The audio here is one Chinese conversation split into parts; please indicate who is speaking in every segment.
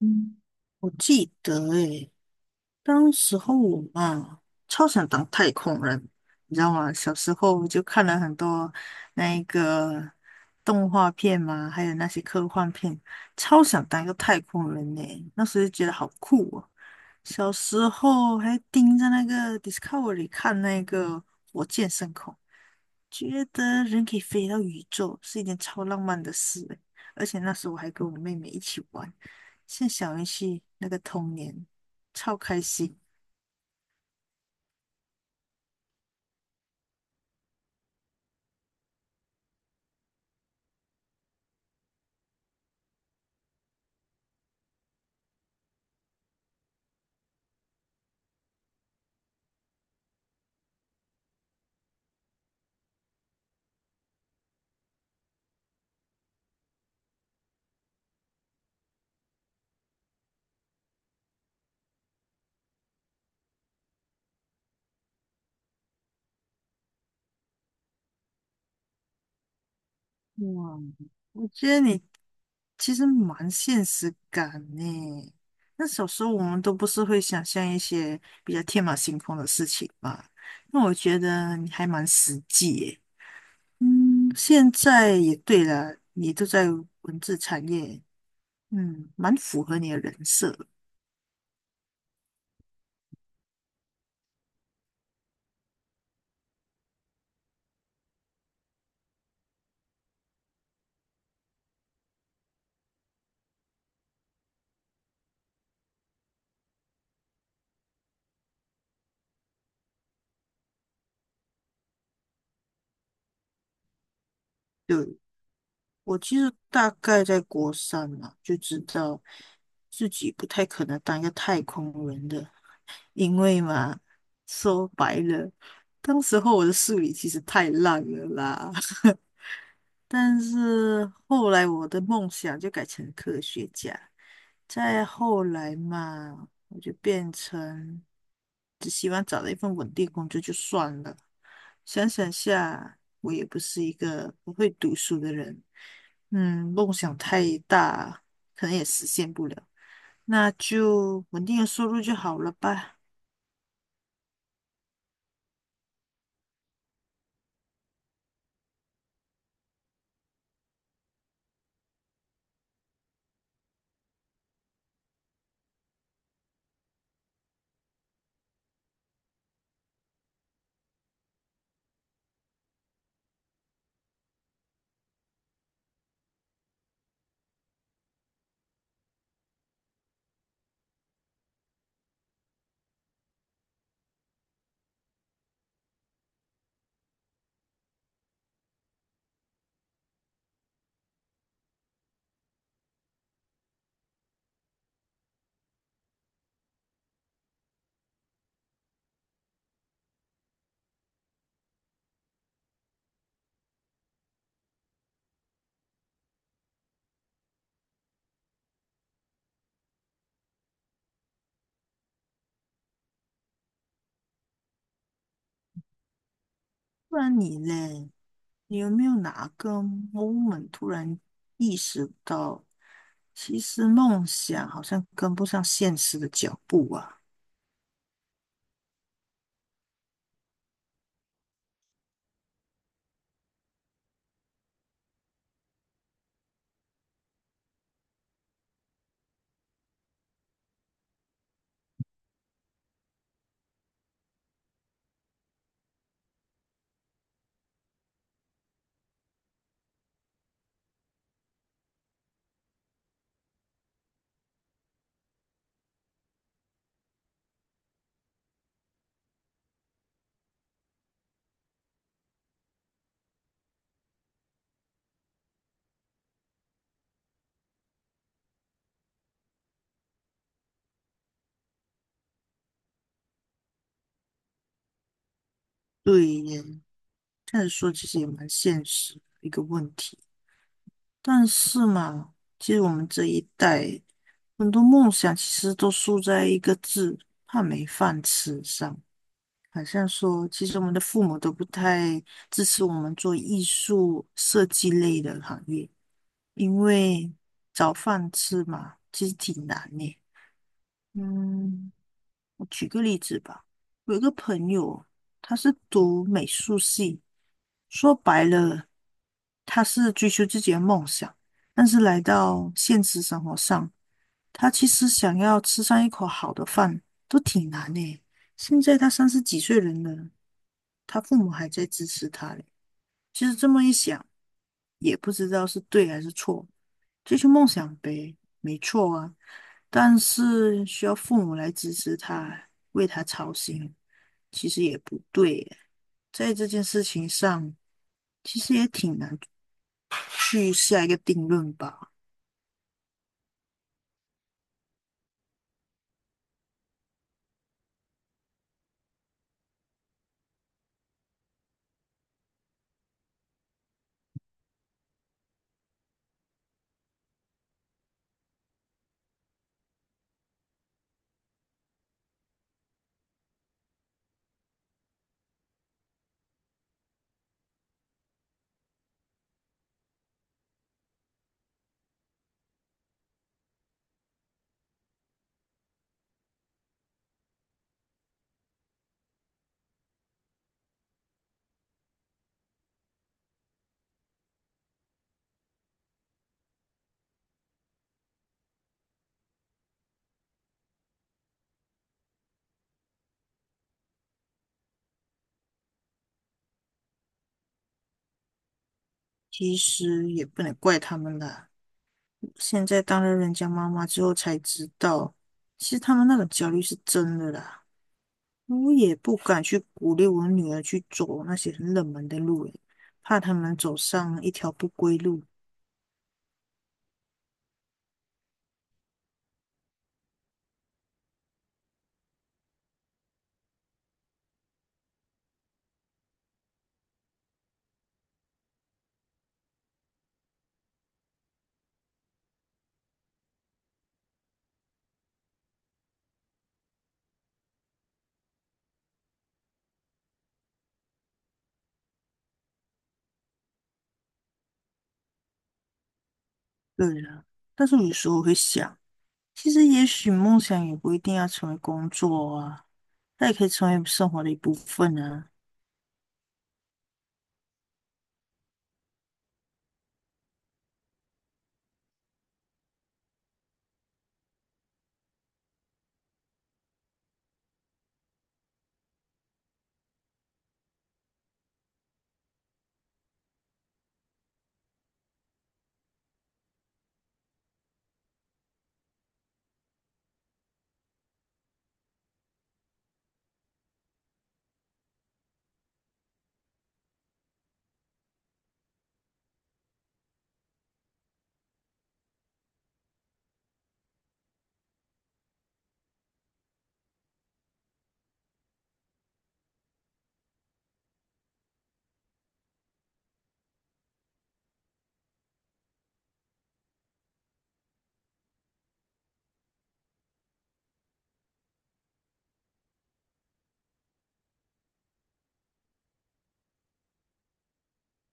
Speaker 1: 嗯，我记得诶，当时候我嘛，超想当太空人，你知道吗？小时候就看了很多那一个动画片嘛，还有那些科幻片，超想当一个太空人呢。那时候就觉得好酷哦。小时候还盯着那个 Discovery 看那个火箭升空，觉得人可以飞到宇宙是一件超浪漫的事欸。而且那时候我还跟我妹妹一起玩，像小游戏那个童年，超开心。哇，我觉得你其实蛮现实感呢。那小时候我们都不是会想象一些比较天马行空的事情嘛，那我觉得你还蛮实际耶。嗯，现在也对了，你都在文字产业，嗯，蛮符合你的人设。对。我其实大概在国三嘛，就知道自己不太可能当一个太空人的，因为嘛，说白了，当时候我的数理其实太烂了啦。但是后来我的梦想就改成科学家，再后来嘛，我就变成只希望找到一份稳定工作就算了。想想下，我也不是一个不会读书的人，嗯，梦想太大，可能也实现不了，那就稳定的收入就好了吧。不然你嘞，你有没有哪个 moment 突然意识到？其实梦想好像跟不上现实的脚步啊。对耶，这样说其实也蛮现实的一个问题。但是嘛，其实我们这一代很多梦想其实都输在一个字“怕没饭吃”上。好像说，其实我们的父母都不太支持我们做艺术设计类的行业，因为找饭吃嘛，其实挺难的。嗯，我举个例子吧，我有一个朋友，他是读美术系，说白了，他是追求自己的梦想，但是来到现实生活上，他其实想要吃上一口好的饭都挺难的。现在他三十几岁人了，他父母还在支持他嘞。其实这么一想，也不知道是对还是错，追求梦想呗，没错啊，但是需要父母来支持他，为他操心。其实也不对耶，在这件事情上，其实也挺难去下一个定论吧。其实也不能怪他们啦，现在当了人家妈妈之后才知道，其实他们那种焦虑是真的啦。我也不敢去鼓励我女儿去走那些很冷门的路，诶，怕他们走上一条不归路。对啦，但是有时候我会想，其实也许梦想也不一定要成为工作啊，它也可以成为生活的一部分啊。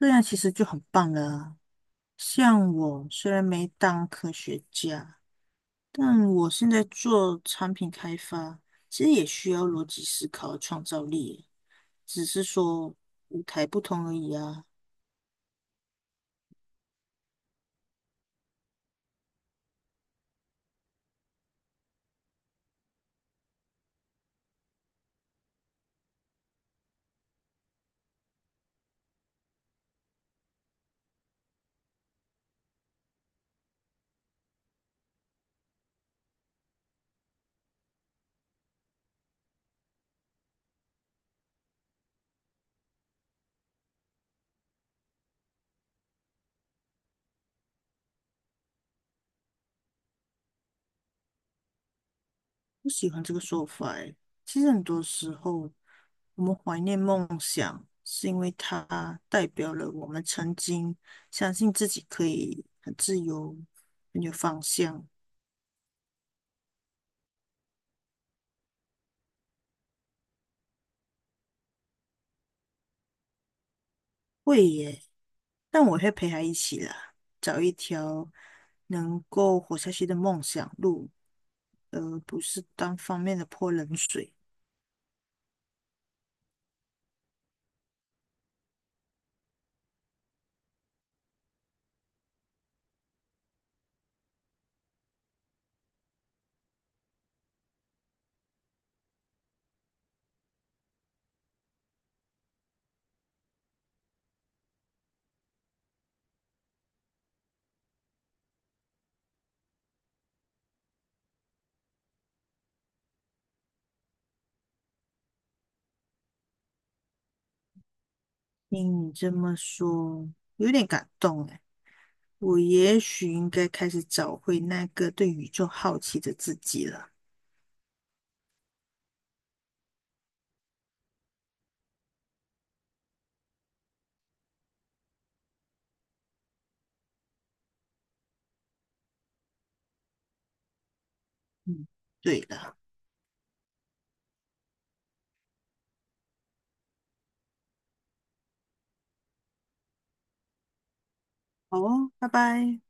Speaker 1: 这样其实就很棒了啊。像我虽然没当科学家，但我现在做产品开发，其实也需要逻辑思考和创造力，只是说舞台不同而已啊。不喜欢这个说法欸。其实很多时候，我们怀念梦想，是因为它代表了我们曾经相信自己可以很自由、很有方向。会耶。但我会陪他一起啦，找一条能够活下去的梦想路，而不是单方面的泼冷水。听你这么说，有点感动哎。我也许应该开始找回那个对宇宙好奇的自己了。嗯，对了，好哦，拜拜。